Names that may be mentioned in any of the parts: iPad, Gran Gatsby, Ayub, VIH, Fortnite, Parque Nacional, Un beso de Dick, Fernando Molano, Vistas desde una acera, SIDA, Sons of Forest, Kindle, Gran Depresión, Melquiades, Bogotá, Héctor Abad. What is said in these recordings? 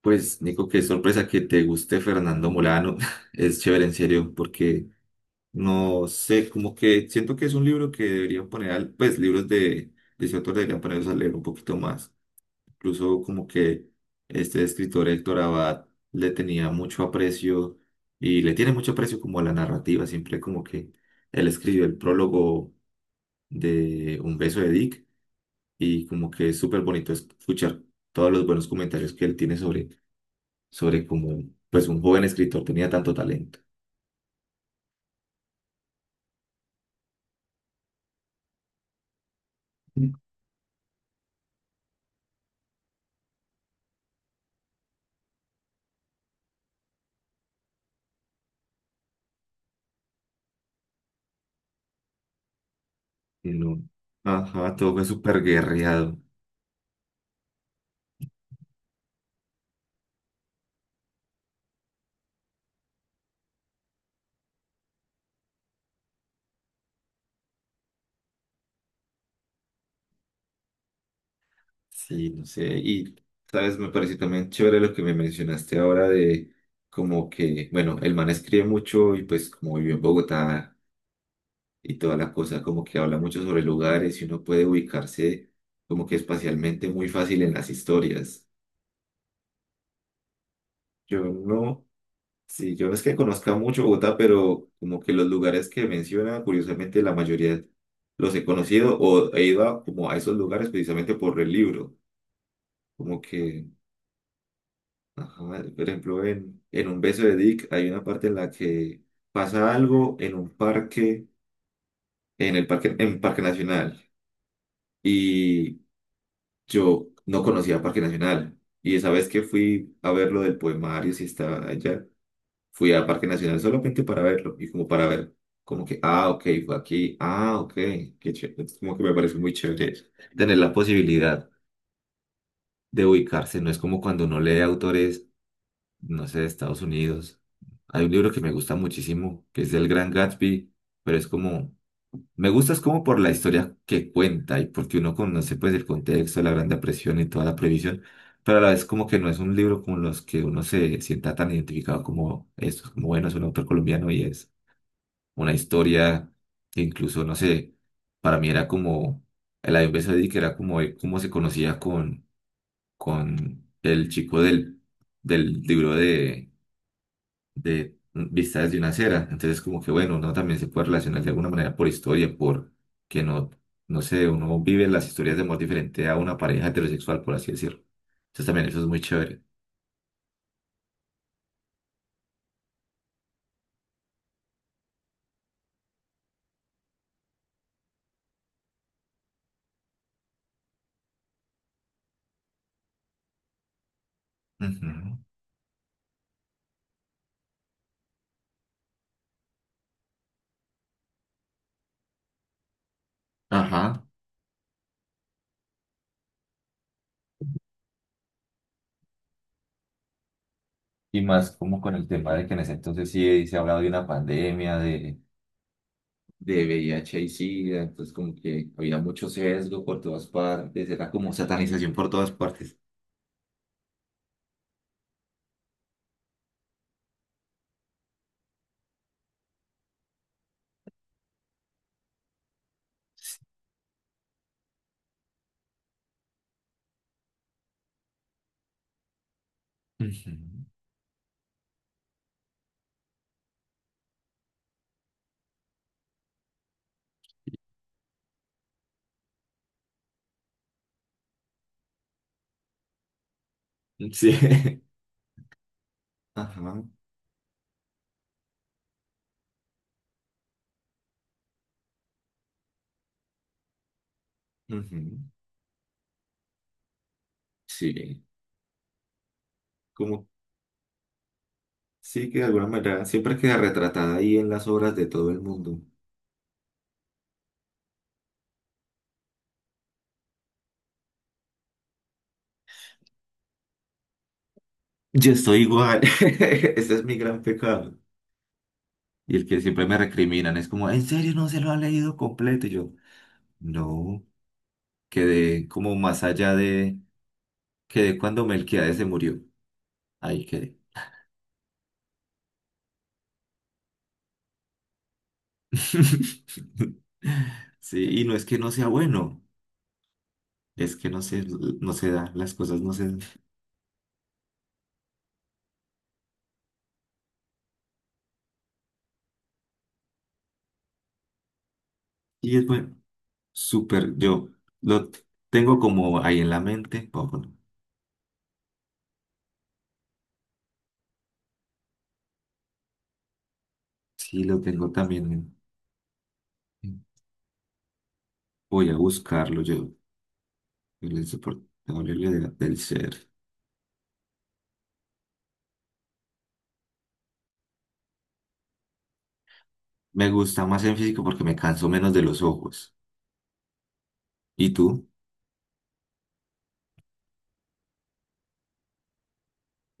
Pues, Nico, qué sorpresa que te guste Fernando Molano. Es chévere, en serio, porque no sé, como que siento que es un libro que deberían poner, pues, libros de ese autor deberían ponerlos a leer un poquito más. Incluso como que este escritor Héctor Abad le tenía mucho aprecio y le tiene mucho aprecio como a la narrativa. Siempre como que él escribió el prólogo de Un beso de Dick y como que es súper bonito escuchar todos los buenos comentarios que él tiene sobre cómo pues un joven escritor tenía tanto talento. Mm. Y no, ajá, todo fue súper guerreado. Sí, no sé. Y, ¿sabes? Me pareció también chévere lo que me mencionaste ahora de como que, bueno, el man escribe mucho y pues como vivió en Bogotá y toda la cosa, como que habla mucho sobre lugares y uno puede ubicarse como que espacialmente muy fácil en las historias. Yo no Sí, yo no es que conozca mucho Bogotá, pero como que los lugares que menciona, curiosamente la mayoría los he conocido o he ido a, como a esos lugares precisamente por el libro. Como que, ajá, por ejemplo, en Un beso de Dick hay una parte en la que pasa algo en un parque, en el parque, en Parque Nacional. Y yo no conocía Parque Nacional. Y esa vez que fui a ver lo del poemario, si estaba allá. Fui a Parque Nacional solamente para verlo y como para ver, como que, ah, ok, fue aquí, ah, ok, qué chévere. Es como que me parece muy chévere eso, tener la posibilidad de ubicarse. No es como cuando uno lee autores, no sé, de Estados Unidos. Hay un libro que me gusta muchísimo, que es del Gran Gatsby, pero es como, me gusta es como por la historia que cuenta y porque uno conoce pues el contexto, la Gran Depresión y toda la previsión. Pero a la vez como que no es un libro con los que uno se sienta tan identificado como estos, como bueno, es un autor colombiano y es una historia que incluso, no sé, para mí era como el Ayub, que era como cómo se conocía con el chico del libro de Vistas desde una acera. Entonces, como que bueno, uno también se puede relacionar de alguna manera por historia, por que no, no sé, uno vive las historias de amor diferente a una pareja heterosexual, por así decirlo. Entonces, también eso es muy chévere. Ujú. Ajá. Y más como con el tema de que en ese entonces sí se ha hablado de una pandemia, de VIH y SIDA, entonces como que había mucho sesgo por todas partes, era como satanización por todas partes. Ujú. Sí, ajá, ujú. Sí, como sí que de alguna manera siempre queda retratada ahí en las obras de todo el mundo. Yo estoy igual, ese es mi gran pecado. Y el que siempre me recriminan es como, ¿en serio no se lo ha leído completo? Y yo, no, quedé como más allá de, quedé cuando Melquiades se murió, ahí quedé. Sí, y no es que no sea bueno, es que no se da, las cosas no se dan. Y es bueno, súper, yo lo tengo como ahí en la mente, o bueno, sí lo tengo también, en- voy a buscarlo yo, el insoportable del ser. Me gusta más en físico porque me canso menos de los ojos. ¿Y tú?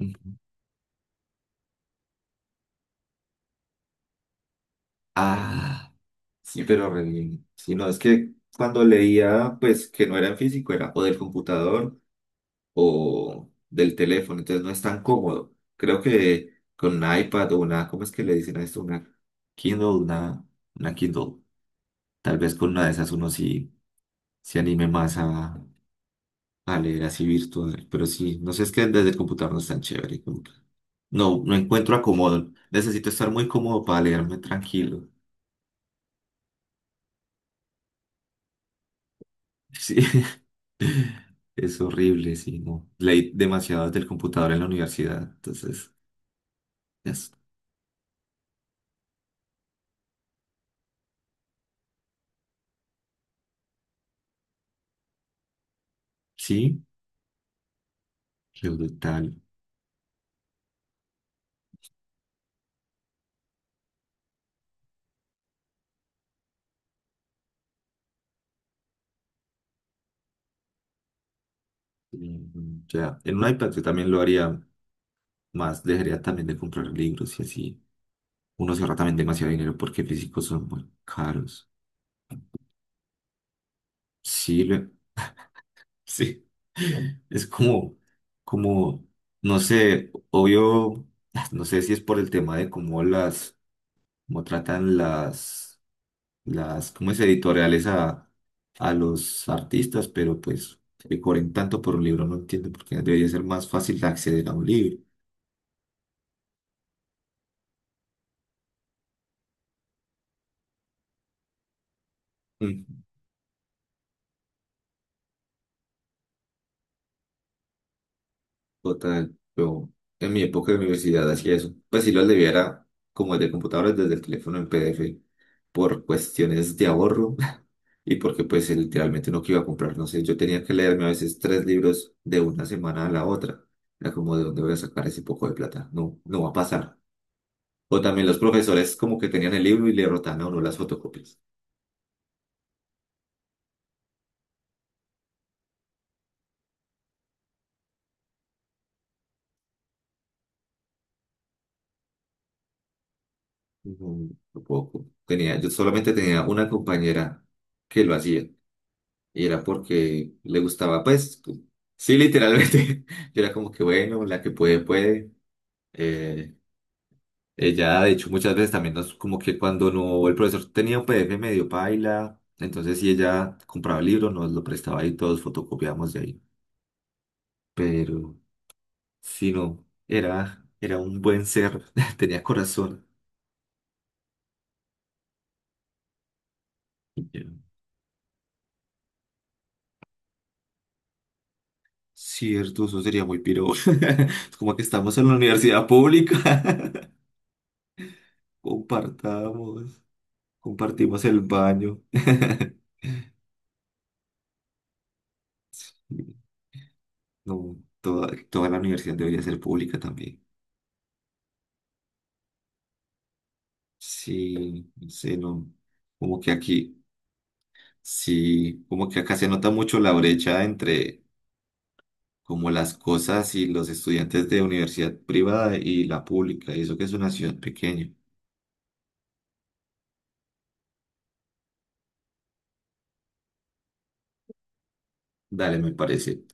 Ujú. Ah, sí, pero re bien. Sí, no, es que cuando leía, pues que no era en físico, era o del computador o del teléfono, entonces no es tan cómodo. Creo que con un iPad o una, ¿cómo es que le dicen a esto? Una Kindle, una Kindle. Tal vez con una de esas uno sí se anime más a leer así virtual, pero sí, no sé, es que desde el computador no es tan chévere, como que no, no encuentro acomodo. Necesito estar muy cómodo para leerme tranquilo. Sí, es horrible, sí, no. Leí demasiado desde el computador en la universidad, entonces, es- sí, qué brutal. Mm, ya, en un iPad yo también lo haría más, dejaría también de comprar libros y así. Uno se ahorra también demasiado dinero porque físicos son muy caros. Sí, lo- sí. Es como, como, no sé, obvio, no sé si es por el tema de cómo las, cómo tratan ¿cómo es? Editoriales a los artistas, pero pues que cobren tanto por un libro, no entiendo por qué debería ser más fácil de acceder a un libro. Mm. Total, yo en mi época de universidad hacía eso. Pues sí lo aliviara como el de computadores desde el teléfono en PDF por cuestiones de ahorro y porque pues literalmente no que iba a comprar, no sé, yo tenía que leerme a veces tres libros de una semana a la otra. Era como de dónde voy a sacar ese poco de plata. No, no va a pasar. O también los profesores como que tenían el libro y le rotaban a uno las fotocopias. No, no puedo. Tenía, yo solamente tenía una compañera que lo hacía. Y era porque le gustaba, pues, sí, literalmente. Yo era como que, bueno, la que puede, puede. Eh, ella, de hecho, muchas veces también nos, como que cuando no, el profesor tenía un PDF medio paila, entonces si ella compraba el libro, nos lo prestaba y todos fotocopiábamos de ahí. Pero, si no, era, era un buen ser, tenía corazón. Y yo, cierto, eso sería muy piro. Es como que estamos en la universidad pública. Compartamos, compartimos el baño. Sí, no, toda, toda la universidad debería ser pública también. Sí, no sé, no. Como que aquí, sí, como que acá se nota mucho la brecha entre como las cosas y los estudiantes de universidad privada y la pública, y eso que es una ciudad pequeña. Dale, me parece.